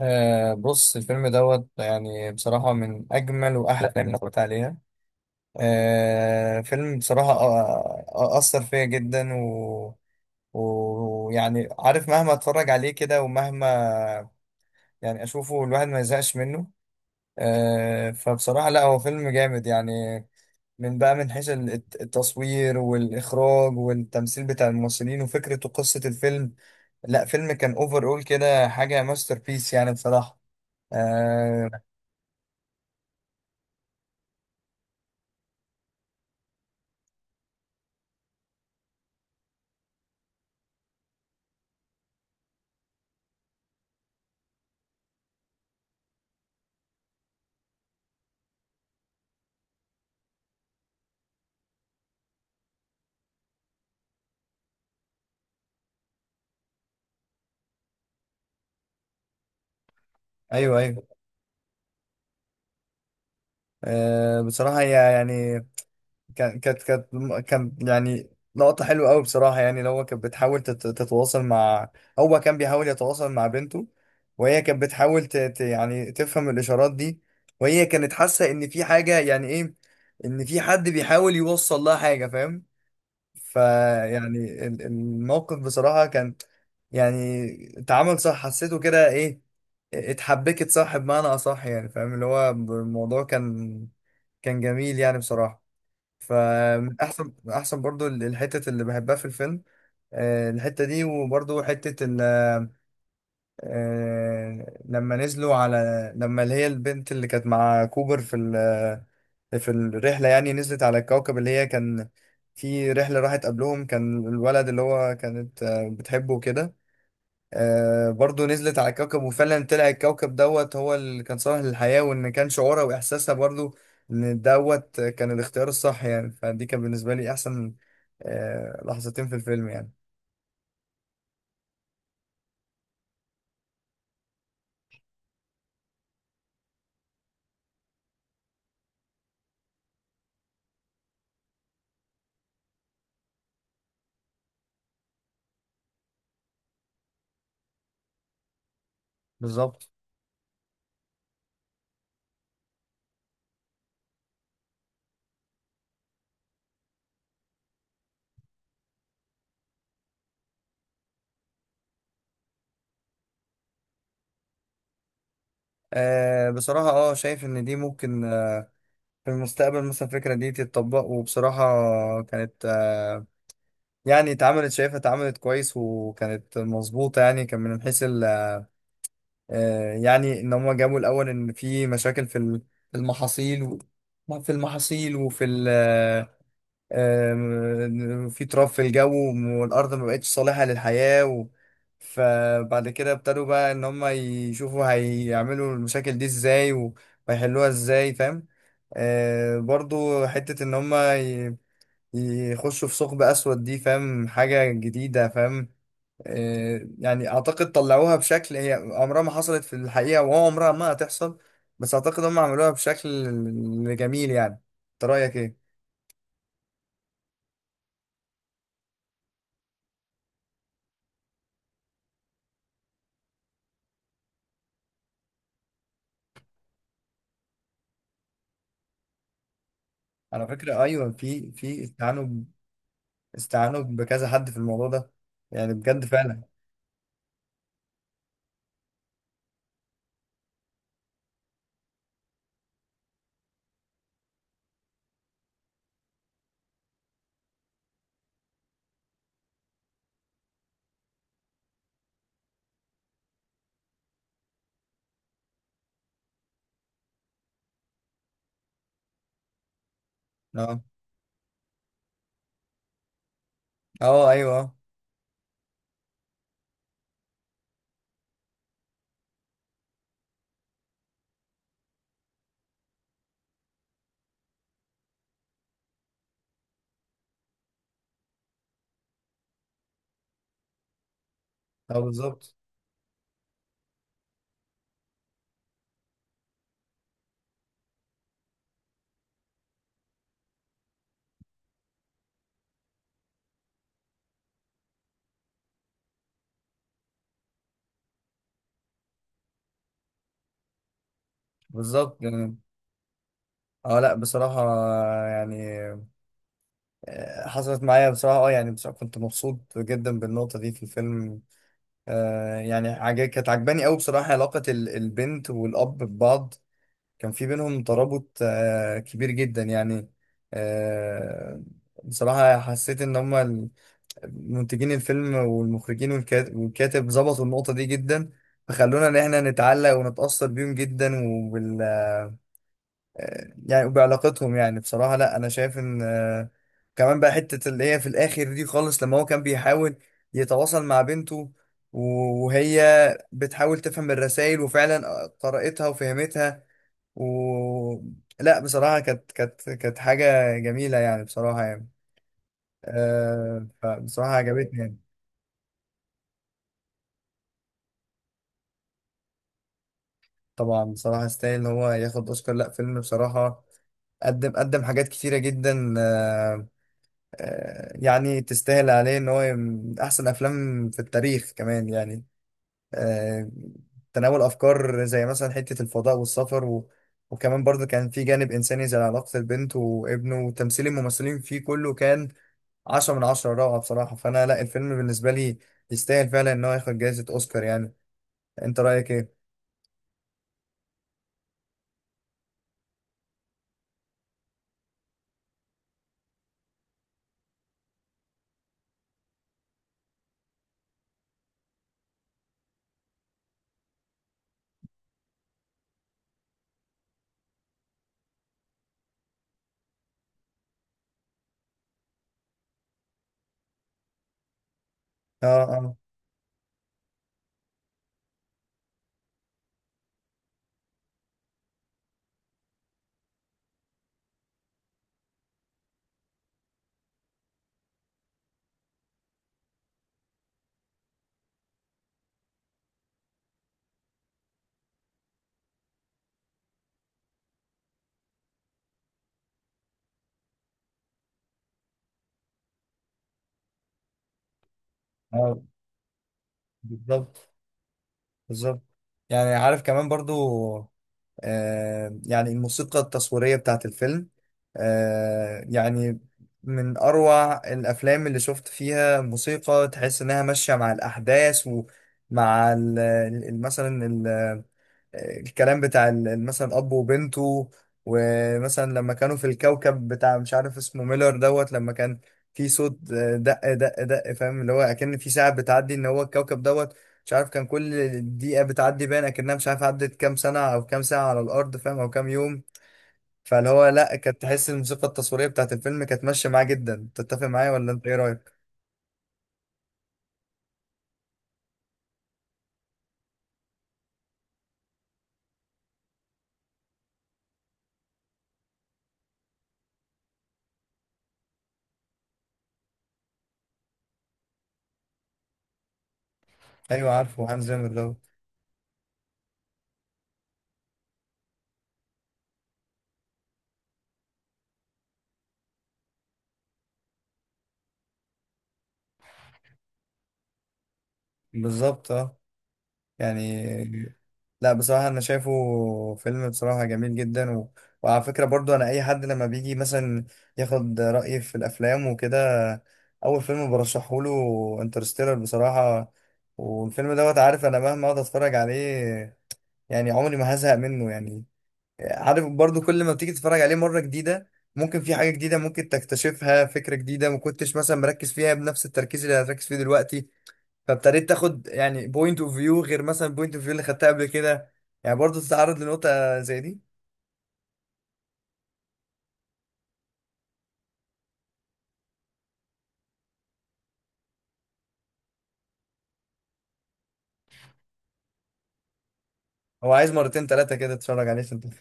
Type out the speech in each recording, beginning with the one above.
بص، الفيلم دوت يعني بصراحة من أجمل وأحلى الأفلام اللي اتفرجت عليها. فيلم، بصراحة، أثر فيا جدا، و ويعني عارف، مهما أتفرج عليه كده ومهما يعني أشوفه الواحد ما يزهقش منه. فبصراحة لا، هو فيلم جامد يعني، من بقى من حيث التصوير والإخراج والتمثيل بتاع الممثلين وفكرة وقصة الفيلم. لا، فيلم كان أوفر، أول كده حاجة ماستر بيس يعني بصراحة. آه، ايوه، ايوه. بصراحه هي يعني كانت، كان يعني لقطه حلوه قوي بصراحه، يعني لو هو كانت بتحاول تتواصل مع، هو كان بيحاول يتواصل مع بنته، وهي كانت بتحاول يعني تفهم الاشارات دي، وهي كانت حاسه ان في حاجه، يعني ايه، ان في حد بيحاول يوصل لها حاجه، فاهم؟ فيعني الموقف بصراحة كان يعني اتعامل صح، حسيته كده، ايه اتحبكت صح بمعنى اصح، يعني فاهم اللي هو الموضوع كان كان جميل يعني بصراحة. فمن احسن من احسن برضو الحتة اللي بحبها في الفيلم، الحتة دي، وبرضو حتة لما نزلوا على اللي هي البنت اللي كانت مع كوبر في في الرحلة، يعني نزلت على الكوكب اللي هي كان في رحلة راحت قبلهم، كان الولد اللي هو كانت بتحبه وكده. برضو نزلت على الكوكب، وفعلا طلع الكوكب دوت هو اللي كان صالح للحياة، وإن كان شعورها وإحساسها برضو إن دوت كان الاختيار الصح يعني. فدي كان بالنسبة لي أحسن لحظتين في الفيلم يعني. بالظبط. بصراحة، شايف ان دي ممكن في المستقبل مثلا الفكرة دي تتطبق. وبصراحة كانت يعني اتعملت، شايفها اتعملت كويس، وكانت مظبوطة، يعني كان من حيث يعني ان هم جابوا الاول ان في مشاكل في في المحاصيل، في المحاصيل وفي في تراب في الجو، والارض ما بقتش صالحة للحياة و- فبعد كده ابتدوا بقى ان هم يشوفوا هيعملوا المشاكل دي ازاي و- وهيحلوها ازاي، فاهم؟ برضو حتة إن هما يخشوا في ثقب أسود دي، فاهم؟ حاجة جديدة، فاهم؟ يعني أعتقد طلعوها بشكل هي عمرها ما حصلت في الحقيقة وعمرها ما هتحصل، بس أعتقد هما عملوها بشكل جميل يعني. أنت رأيك إيه؟ على فكرة، أيوة، في استعانوا ب- استعانوا بكذا حد في الموضوع ده، يعني بجد فعلا. أه، أه، أيوه، أه. بالظبط. بالظبط يعني. أه، لأ، بصراحة يعني حصلت معايا بصراحة. اه يعني بصراحة كنت مبسوط جدا بالنقطة دي في الفيلم. يعني كانت عجباني قوي بصراحة، علاقة البنت والأب ببعض، كان في بينهم ترابط كبير جدا يعني. آه بصراحة حسيت إن هما منتجين الفيلم والمخرجين والكاتب ظبطوا النقطة دي جدا، فخلونا إن إحنا نتعلق ونتأثر بيهم جدا يعني، وبعلاقتهم. يعني بصراحة لا، أنا شايف إن كمان بقى حتة اللي هي في الآخر دي خالص، لما هو كان بيحاول يتواصل مع بنته، وهي بتحاول تفهم الرسائل وفعلا قرأتها وفهمتها، و لا بصراحة كانت حاجة جميلة يعني بصراحة يعني. فبصراحة عجبتني يعني. طبعا بصراحة يستاهل إن هو ياخد أوسكار. لا فيلم بصراحة قدم قدم حاجات كتيرة جدا، يعني تستاهل عليه ان هو من احسن افلام في التاريخ كمان يعني، آه، تناول افكار زي مثلا حتة الفضاء والسفر و... وكمان برضه كان في جانب انساني زي علاقة البنت وابنه، وتمثيل الممثلين فيه كله كان 10/10 روعة بصراحة. فانا لا، الفيلم بالنسبة لي يستاهل فعلا ان هو ياخد جائزة اوسكار يعني. انت رأيك ايه؟ اه، اه، اه، بالظبط. بالظبط يعني. عارف كمان برضو يعني الموسيقى التصويرية بتاعت الفيلم يعني من أروع الأفلام اللي شفت فيها موسيقى تحس إنها ماشية مع الأحداث، ومع مثلا الكلام بتاع مثلا اب وبنته. ومثلا لما كانوا في الكوكب بتاع مش عارف اسمه ميلر دوت، لما كان في صوت دق دق دق، فاهم؟ اللي هو اكن في ساعه بتعدي ان هو الكوكب دوت، مش عارف، كان كل دقيقه بتعدي باين اكنها مش عارف عدت كام سنه او كام ساعه على الارض، فاهم؟ او كام يوم. فاللي هو لا، كانت تحس الموسيقى التصويريه بتاعت الفيلم كانت ماشيه معاه جدا. تتفق معايا ولا انت ايه رايك؟ ايوه عارفه، هانز زيمر دوت. بالظبط. اه يعني لا، بصراحة أنا شايفه فيلم بصراحة جميل جدا و... وعلى فكرة برضو، أنا أي حد لما بيجي مثلا ياخد رأيي في الأفلام وكده، أول فيلم برشحه له انترستيلر بصراحة. والفيلم دوت، عارف أنا مهما أقعد أتفرج عليه يعني عمري ما هزهق منه يعني. عارف برضو كل ما بتيجي تتفرج عليه مرة جديدة ممكن في حاجة جديدة ممكن تكتشفها، فكرة جديدة ما كنتش مثلا مركز فيها بنفس التركيز اللي هتركز فيه دلوقتي، فابتديت تاخد يعني بوينت اوف فيو غير مثلا بوينت اوف فيو اللي خدتها قبل كده. يعني برضه تتعرض لنقطة زي دي. هو عايز مرتين ثلاثة كده تتفرج عليه عشان تفهم.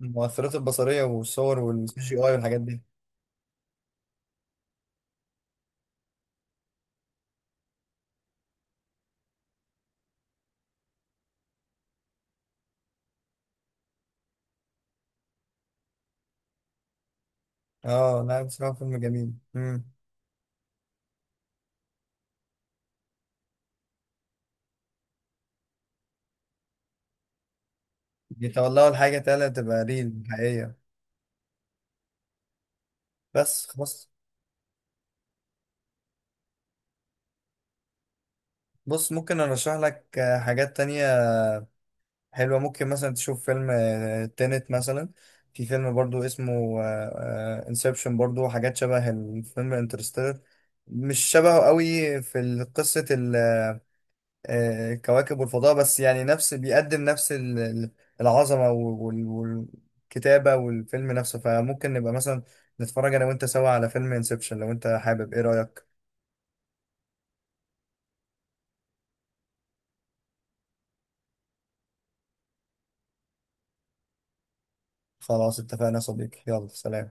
المؤثرات البصرية والصور والسي جي اي والحاجات دي. اه لا بصراحة فيلم جميل. بيتولوا الحاجة تالتة تبقى ريل حقيقية. بس خلاص. بص، ممكن ارشح لك حاجات تانية حلوة. ممكن مثلا تشوف فيلم تينت مثلا. في فيلم برضو اسمه انسبشن، برضو حاجات شبه الفيلم انترستيلر، مش شبهه قوي في قصة الكواكب والفضاء، بس يعني نفس بيقدم نفس العظمة والكتابة والفيلم نفسه. فممكن نبقى مثلا نتفرج أنا وأنت سوا على فيلم انسبشن لو أنت حابب. إيه رأيك؟ خلاص، اتفقنا يا صديقي. يلا، سلام.